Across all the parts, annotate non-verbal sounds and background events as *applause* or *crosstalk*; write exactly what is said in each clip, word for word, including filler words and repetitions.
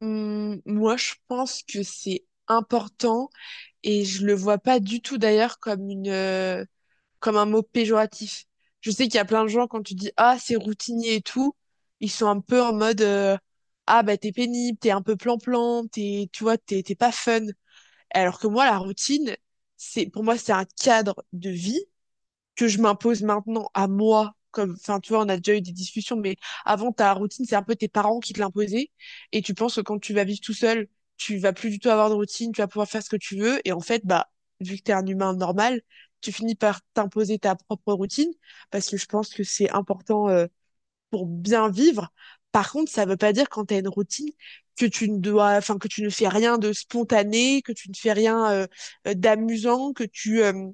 Hum, moi, je pense que c'est important et je le vois pas du tout d'ailleurs comme une, euh, comme un mot péjoratif. Je sais qu'il y a plein de gens, quand tu dis ah c'est routinier et tout, ils sont un peu en mode euh, ah bah t'es pénible, t'es un peu plan-plan, t'es, tu vois, t'es t'es pas fun. Alors que moi la routine, c'est pour moi c'est un cadre de vie que je m'impose maintenant à moi. Comme, enfin, tu vois, on a déjà eu des discussions, mais avant, ta routine, c'est un peu tes parents qui te l'imposaient. Et tu penses que quand tu vas vivre tout seul, tu vas plus du tout avoir de routine, tu vas pouvoir faire ce que tu veux. Et en fait, bah, vu que t'es un humain normal, tu finis par t'imposer ta propre routine parce que je pense que c'est important, euh, pour bien vivre. Par contre, ça veut pas dire quand t'as une routine que tu ne dois, enfin, que tu ne fais rien de spontané, que tu ne fais rien, euh, euh, d'amusant, que tu, euh,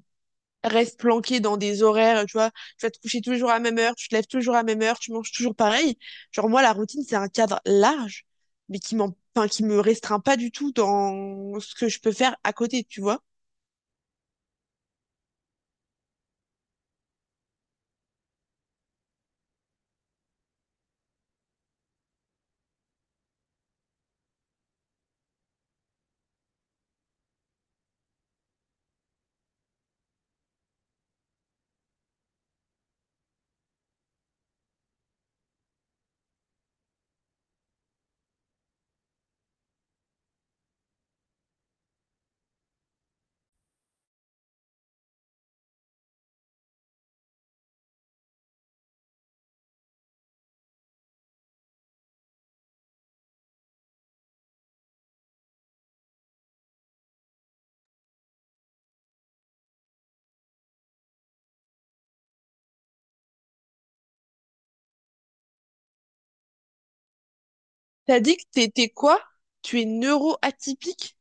reste planqué dans des horaires, tu vois, tu vas te coucher toujours à la même heure, tu te lèves toujours à la même heure, tu manges toujours pareil. Genre moi, la routine, c'est un cadre large, mais qui m'en, enfin, qui me restreint pas du tout dans ce que je peux faire à côté, tu vois. T'as dit que t'étais quoi? Tu es neuro atypique?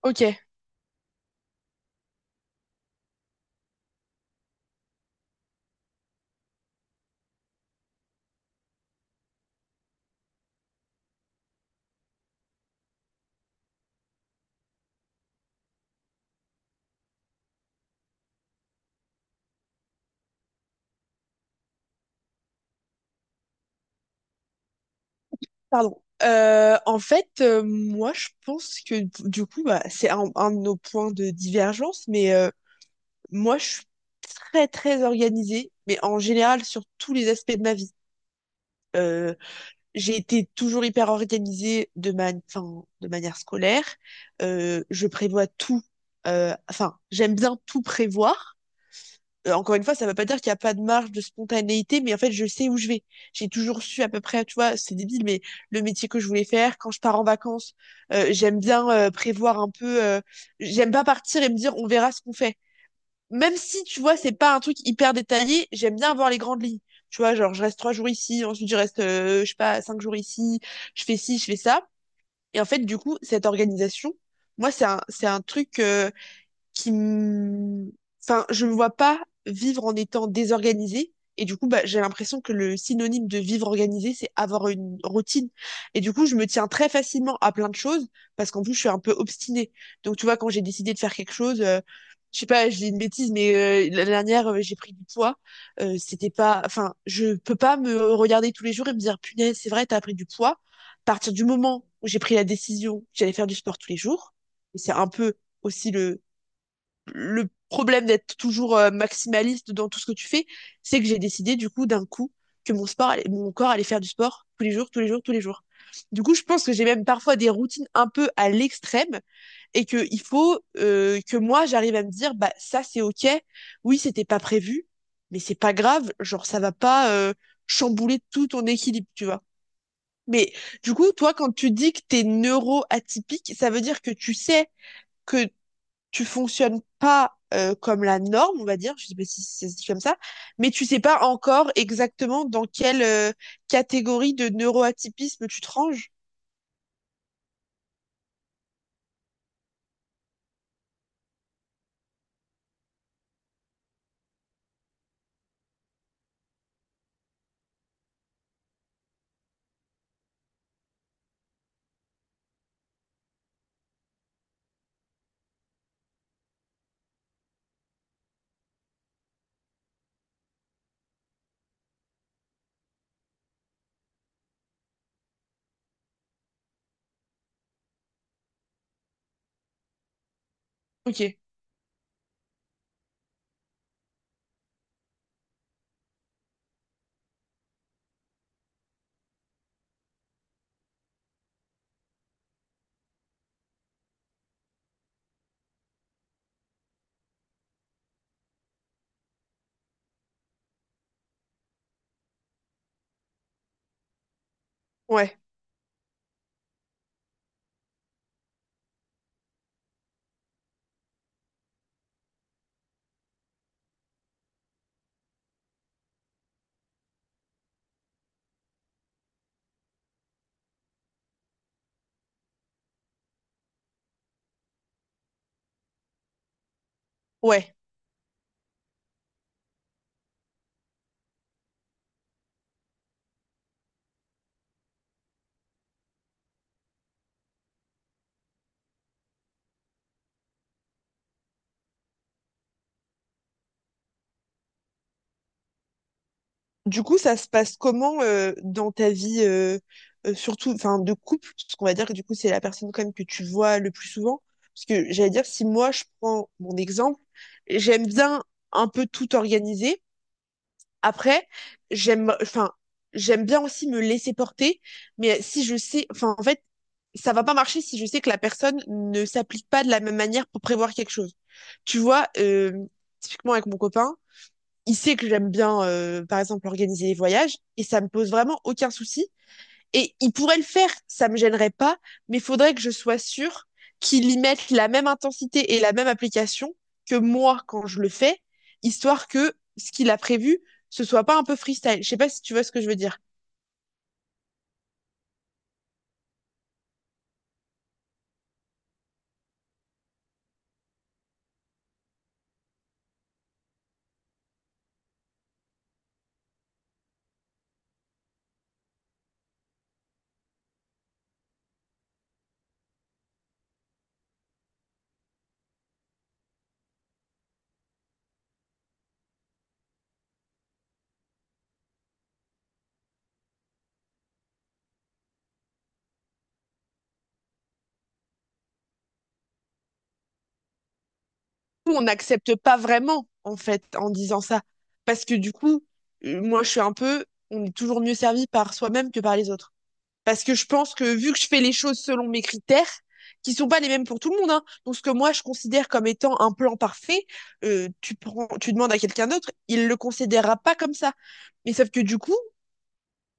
Ok, pardon. Euh, en fait, euh, moi, je pense que du coup, bah, c'est un, un de nos points de divergence, mais euh, moi, je suis très, très organisée, mais en général sur tous les aspects de ma vie. Euh, j'ai été toujours hyper organisée de ma, enfin, de manière scolaire. Euh, je prévois tout. Euh, enfin, j'aime bien tout prévoir. Euh, encore une fois, ça ne veut pas dire qu'il n'y a pas de marge de spontanéité, mais en fait, je sais où je vais. J'ai toujours su à peu près, tu vois, c'est débile, mais le métier que je voulais faire, quand je pars en vacances, euh, j'aime bien euh, prévoir un peu. Euh, j'aime pas partir et me dire on verra ce qu'on fait, même si, tu vois, c'est pas un truc hyper détaillé, j'aime bien voir les grandes lignes. Tu vois, genre, je reste trois jours ici, ensuite je reste, euh, je sais pas, cinq jours ici, je fais ci, je fais ça. Et en fait, du coup, cette organisation, moi, c'est un, c'est un truc, euh, qui m- enfin je me vois pas vivre en étant désorganisée, et du coup bah, j'ai l'impression que le synonyme de vivre organisé, c'est avoir une routine, et du coup je me tiens très facilement à plein de choses parce qu'en plus je suis un peu obstinée. Donc tu vois, quand j'ai décidé de faire quelque chose, euh, je sais pas, je dis une bêtise, mais euh, la dernière euh, j'ai pris du poids. Euh, c'était pas, enfin, je peux pas me regarder tous les jours et me dire punaise c'est vrai t'as pris du poids. À partir du moment où j'ai pris la décision que j'allais faire du sport tous les jours, et c'est un peu aussi le le problème d'être toujours euh, maximaliste dans tout ce que tu fais, c'est que j'ai décidé du coup d'un coup que mon sport, allait- mon corps allait faire du sport tous les jours, tous les jours, tous les jours. Du coup, je pense que j'ai même parfois des routines un peu à l'extrême et que il faut euh, que moi j'arrive à me dire bah ça c'est ok, oui c'était pas prévu, mais c'est pas grave, genre ça va pas euh, chambouler tout ton équilibre, tu vois. Mais du coup, toi, quand tu dis que t'es neuro-atypique, ça veut dire que tu sais que tu fonctionnes pas euh, comme la norme, on va dire, je sais pas si ça se dit comme ça, mais tu sais pas encore exactement dans quelle euh, catégorie de neuroatypisme tu te ranges. Ok. Ouais, ouais. Du coup, ça se passe comment euh, dans ta vie, euh, euh, surtout, enfin, de couple, parce qu'on va dire que du coup, c'est la personne quand même que tu vois le plus souvent. Parce que j'allais dire, si moi je prends mon exemple, j'aime bien un peu tout organiser. Après, j'aime, enfin, j'aime bien aussi me laisser porter, mais si je sais, enfin, en fait, ça va pas marcher si je sais que la personne ne s'applique pas de la même manière pour prévoir quelque chose. Tu vois, euh, typiquement avec mon copain, il sait que j'aime bien, euh, par exemple, organiser les voyages, et ça me pose vraiment aucun souci et il pourrait le faire, ça me gênerait pas, mais il faudrait que je sois sûre qu'il y mette la même intensité et la même application que moi quand je le fais, histoire que ce qu'il a prévu, ce soit pas un peu freestyle. Je sais pas si tu vois ce que je veux dire. Nous, on n'accepte pas vraiment, en fait, en disant ça. Parce que du coup, euh, moi, je suis un peu, on est toujours mieux servi par soi-même que par les autres. Parce que je pense que vu que je fais les choses selon mes critères, qui sont pas les mêmes pour tout le monde, hein. Donc ce que moi je considère comme étant un plan parfait, euh, tu prends, tu demandes à quelqu'un d'autre, il le considérera pas comme ça. Mais sauf que du coup,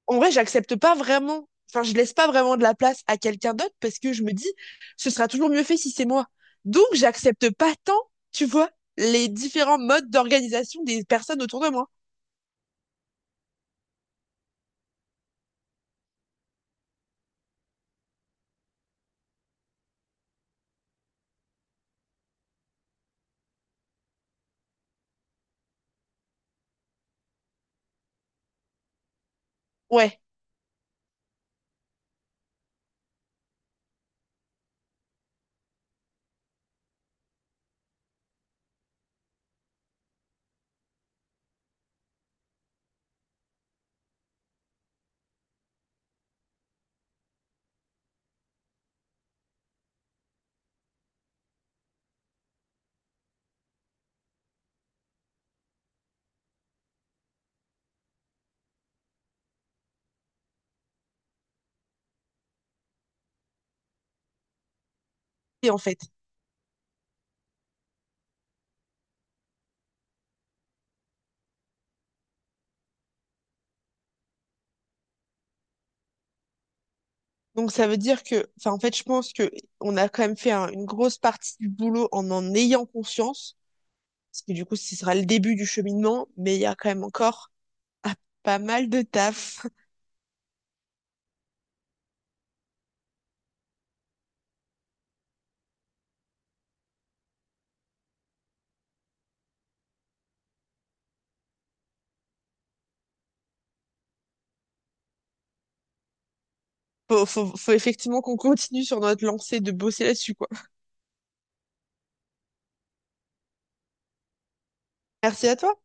en vrai, j'accepte pas vraiment, enfin, je laisse pas vraiment de la place à quelqu'un d'autre, parce que je me dis, ce sera toujours mieux fait si c'est moi. Donc, j'accepte pas tant, tu vois, les différents modes d'organisation des personnes autour de moi. Ouais, et en fait. Donc ça veut dire que, enfin en fait je pense que on a quand même fait un- une grosse partie du boulot en en ayant conscience, parce que du coup ce sera le début du cheminement, mais il y a quand même encore *laughs* ah, pas mal de taf. *laughs* Faut, faut, faut effectivement qu'on continue sur notre lancée de bosser là-dessus, quoi. Merci à toi.